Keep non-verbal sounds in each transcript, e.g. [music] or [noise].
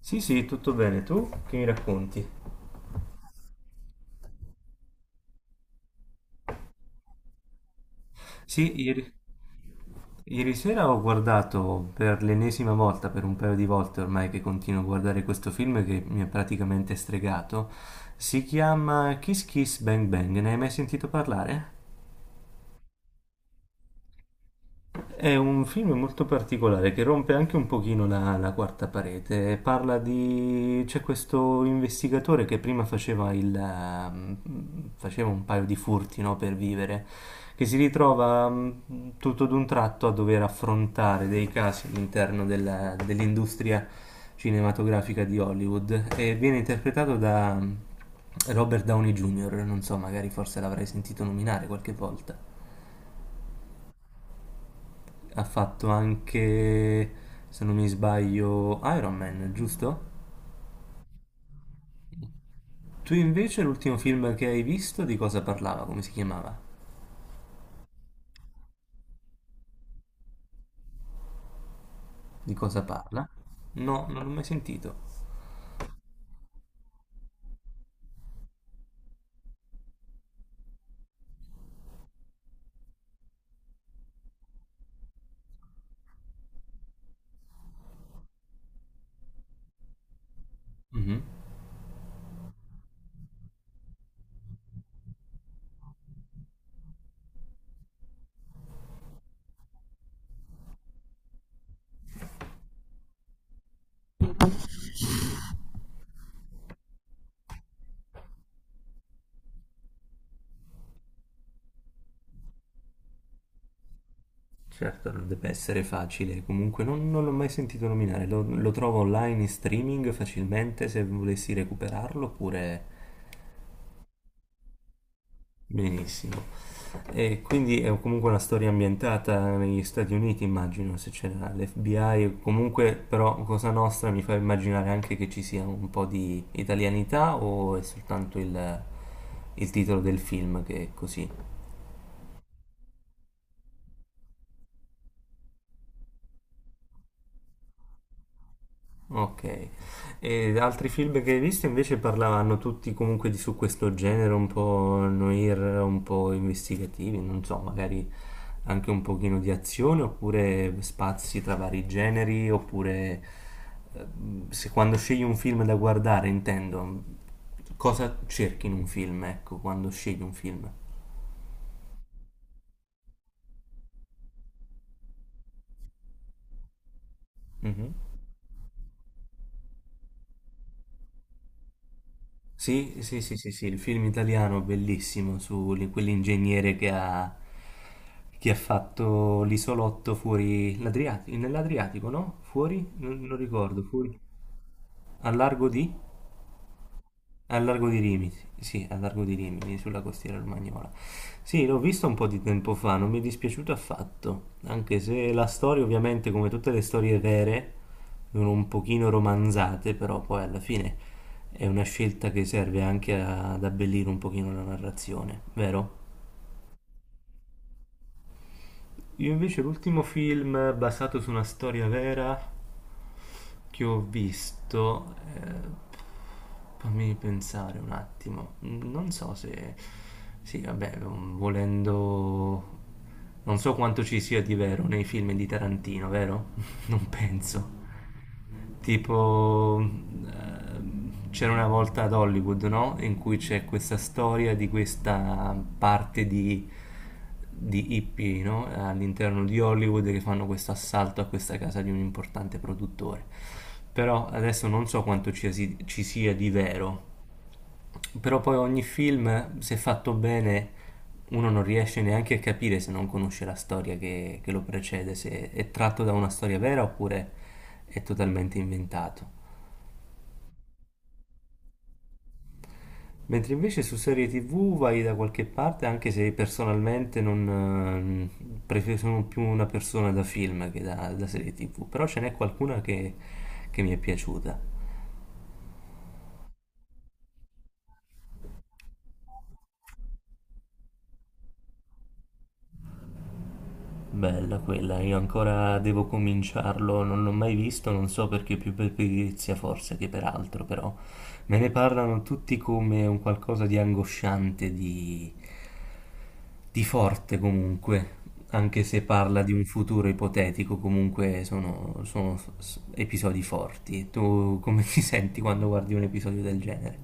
Sì, sì, tutto bene. Tu che mi racconti? Sì, ieri sera ho guardato per l'ennesima volta, per un paio di volte ormai che continuo a guardare questo film che mi ha praticamente stregato. Si chiama Kiss Kiss Bang Bang. Ne hai mai sentito parlare? È un film molto particolare che rompe anche un pochino la quarta parete. Parla di... c'è questo investigatore che prima faceva faceva un paio di furti, no, per vivere, che si ritrova tutto d'un tratto a dover affrontare dei casi all'interno dell'industria cinematografica di Hollywood e viene interpretato da Robert Downey Jr., non so, magari forse l'avrai sentito nominare qualche volta. Ha fatto anche, se non mi sbaglio, Iron Man, giusto? Tu invece l'ultimo film che hai visto di cosa parlava? Come si chiamava? Di cosa parla? No, non l'ho mai sentito. Mhm. Certo, non deve essere facile. Comunque non l'ho mai sentito nominare. Lo trovo online in streaming facilmente se volessi recuperarlo oppure benissimo. E quindi è comunque una storia ambientata negli Stati Uniti, immagino, se c'era l'FBI, o comunque però Cosa Nostra mi fa immaginare anche che ci sia un po' di italianità o è soltanto il titolo del film che è così? Ok. E altri film che hai visto invece parlavano tutti comunque di su questo genere un po' noir, un po' investigativi, non so, magari anche un pochino di azione, oppure spazi tra vari generi, oppure eh, se quando scegli un film da guardare, intendo, cosa cerchi in un film, ecco, quando scegli un film. Mhm. Sì, sì, sì, sì, sì, il film italiano bellissimo su quell'ingegnere che ha, fatto l'isolotto fuori l'Adriatico, nell'Adriatico, no? Fuori? Non ricordo, fuori. Al largo di? Al largo di Rimini, sì, al largo di Rimini, sulla costiera romagnola. Sì, l'ho visto un po' di tempo fa, non mi è dispiaciuto affatto, anche se la storia ovviamente, come tutte le storie vere, sono un pochino romanzate, però poi alla fine è una scelta che serve anche ad abbellire un pochino la narrazione, vero? Io invece l'ultimo film basato su una storia vera che ho visto, fammi pensare un attimo, non so se... Sì, vabbè, volendo... Non so quanto ci sia di vero nei film di Tarantino, vero? [laughs] Non penso tipo c'era una volta ad Hollywood, no? In cui c'è questa storia di questa parte di hippie, no? All'interno di Hollywood che fanno questo assalto a questa casa di un importante produttore. Però adesso non so quanto ci sia di vero, però poi ogni film, se fatto bene, uno non riesce neanche a capire se non conosce la storia che lo precede, se è tratto da una storia vera oppure è totalmente inventato. Mentre invece su serie TV vai da qualche parte, anche se personalmente non sono più una persona da film che da serie TV, però ce n'è qualcuna che mi è piaciuta. Bella quella, io ancora devo cominciarlo, non l'ho mai visto, non so perché più per pigrizia forse che per altro, però me ne parlano tutti come un qualcosa di angosciante, di forte comunque, anche se parla di un futuro ipotetico, comunque sono episodi forti. Tu come [laughs] ti senti quando guardi un episodio del genere?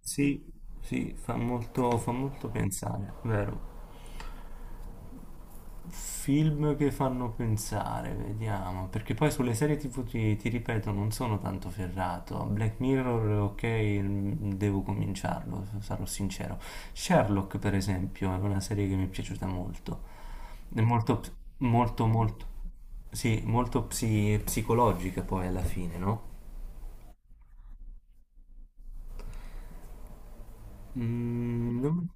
Sì, sì, fa molto pensare, vero? Film che fanno pensare, vediamo, perché poi sulle serie TV ti ripeto non sono tanto ferrato. Black Mirror, ok, devo cominciarlo, sarò sincero. Sherlock, per esempio, è una serie che mi è piaciuta molto. È molto, molto, molto, sì, molto psicologica poi alla fine, no? Mm, non-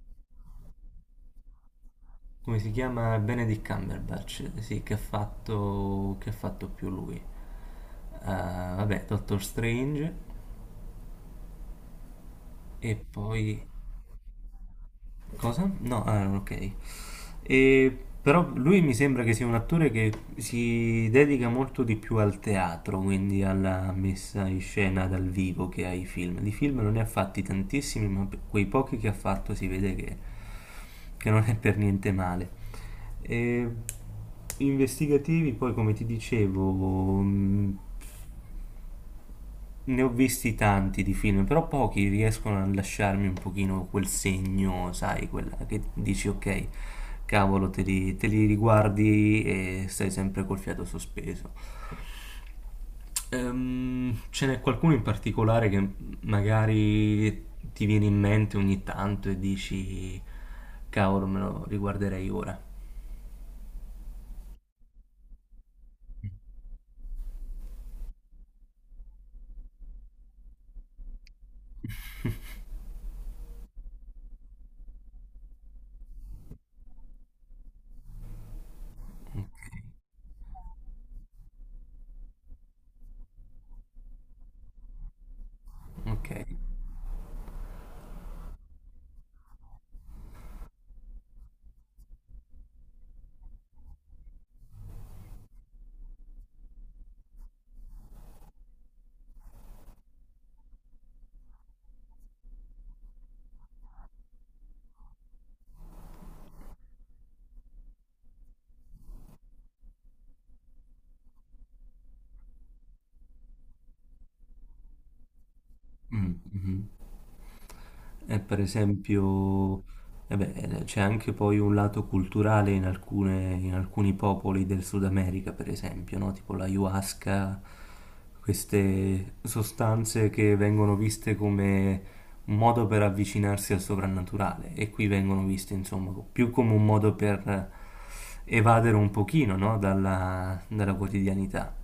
come si chiama? Benedict Cumberbatch, sì, che ha fatto più lui. Vabbè, Doctor Strange. E poi... Cosa? No, ah, ok. E, però lui mi sembra che sia un attore che si dedica molto di più al teatro, quindi alla messa in scena dal vivo che ai film. Di film non ne ha fatti tantissimi, ma per quei pochi che ha fatto si vede che non è per niente male. E, investigativi, poi come ti dicevo, mh, ne ho visti tanti di film, però pochi riescono a lasciarmi un pochino quel segno, sai, quella che dici: "Okay, cavolo, te li riguardi e stai sempre col fiato sospeso". Ce n'è qualcuno in particolare che, magari ti viene in mente ogni tanto e dici: "Cavolo, me lo riguarderei ora". Okay, okay. Mh-mh. E per esempio, eh beh, c'è anche poi un lato culturale in alcuni popoli del Sud America, per esempio, no? Tipo l'ayahuasca, queste sostanze che vengono viste come un modo per avvicinarsi al soprannaturale e qui vengono viste, insomma, più come un modo per evadere un pochino, no? Dalla quotidianità.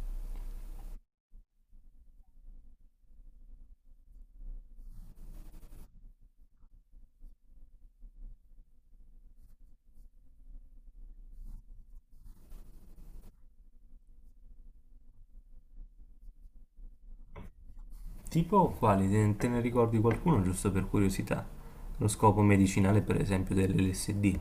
Tipo o quali? Te ne ricordi qualcuno giusto per curiosità? Lo scopo medicinale, per esempio, dell'LSD.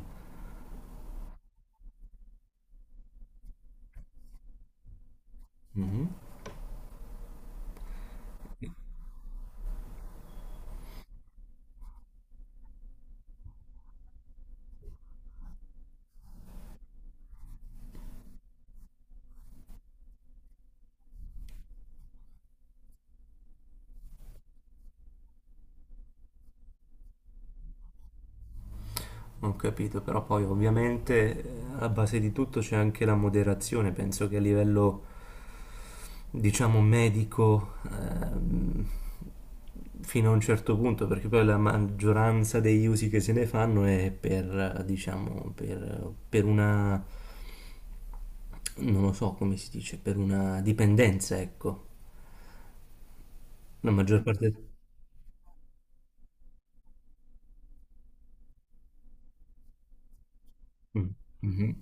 Non capito, però poi ovviamente alla base di tutto c'è anche la moderazione. Penso che a livello, diciamo, medico, fino a un certo punto, perché poi la maggioranza degli usi che se ne fanno è per, diciamo, per una, non lo so come si dice, per una dipendenza, ecco. La maggior parte... Mm, mhm.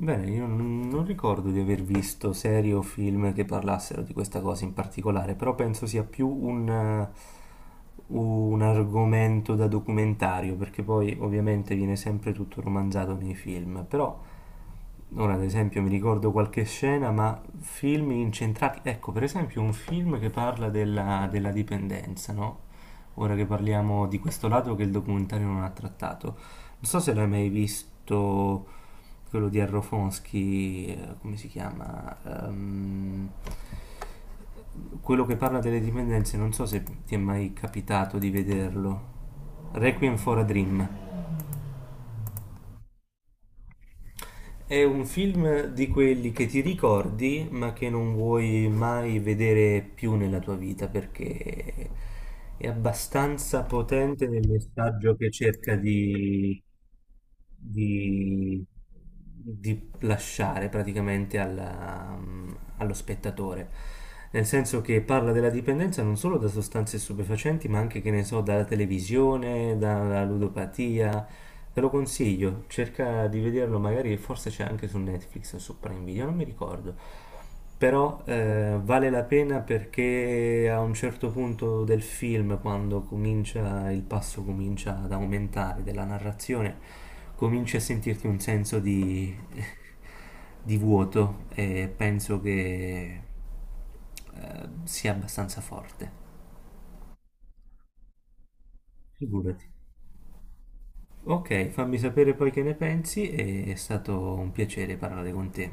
Bene, io non ricordo di aver visto serie o film che parlassero di questa cosa in particolare, però penso sia più un argomento da documentario, perché poi ovviamente viene sempre tutto romanzato nei film, però. Ora, ad esempio, mi ricordo qualche scena, ma film incentrati. Ecco, per esempio, un film che parla della dipendenza, no? Ora che parliamo di questo lato che il documentario non ha trattato. Non so se l'hai mai visto quello di Arrofonsky, come si chiama? Ehm, quello che parla delle dipendenze, non so se ti è mai capitato di vederlo. Requiem for a Dream. È un film di quelli che ti ricordi, ma che non vuoi mai vedere più nella tua vita perché è abbastanza potente nel messaggio che cerca di- di lasciare praticamente allo spettatore, nel senso che parla della dipendenza non solo da sostanze stupefacenti, ma anche, che ne so, dalla televisione, dalla ludopatia. Te lo consiglio, cerca di vederlo magari, forse c'è anche su Netflix o su Prime Video, non mi ricordo. Però vale la pena perché a un certo punto del film, quando comincia, il passo comincia ad aumentare della narrazione, cominci a sentirti un senso di, [laughs] di vuoto e penso che sia abbastanza forte. Figurati. Ok, fammi sapere poi che ne pensi, è stato un piacere parlare con te.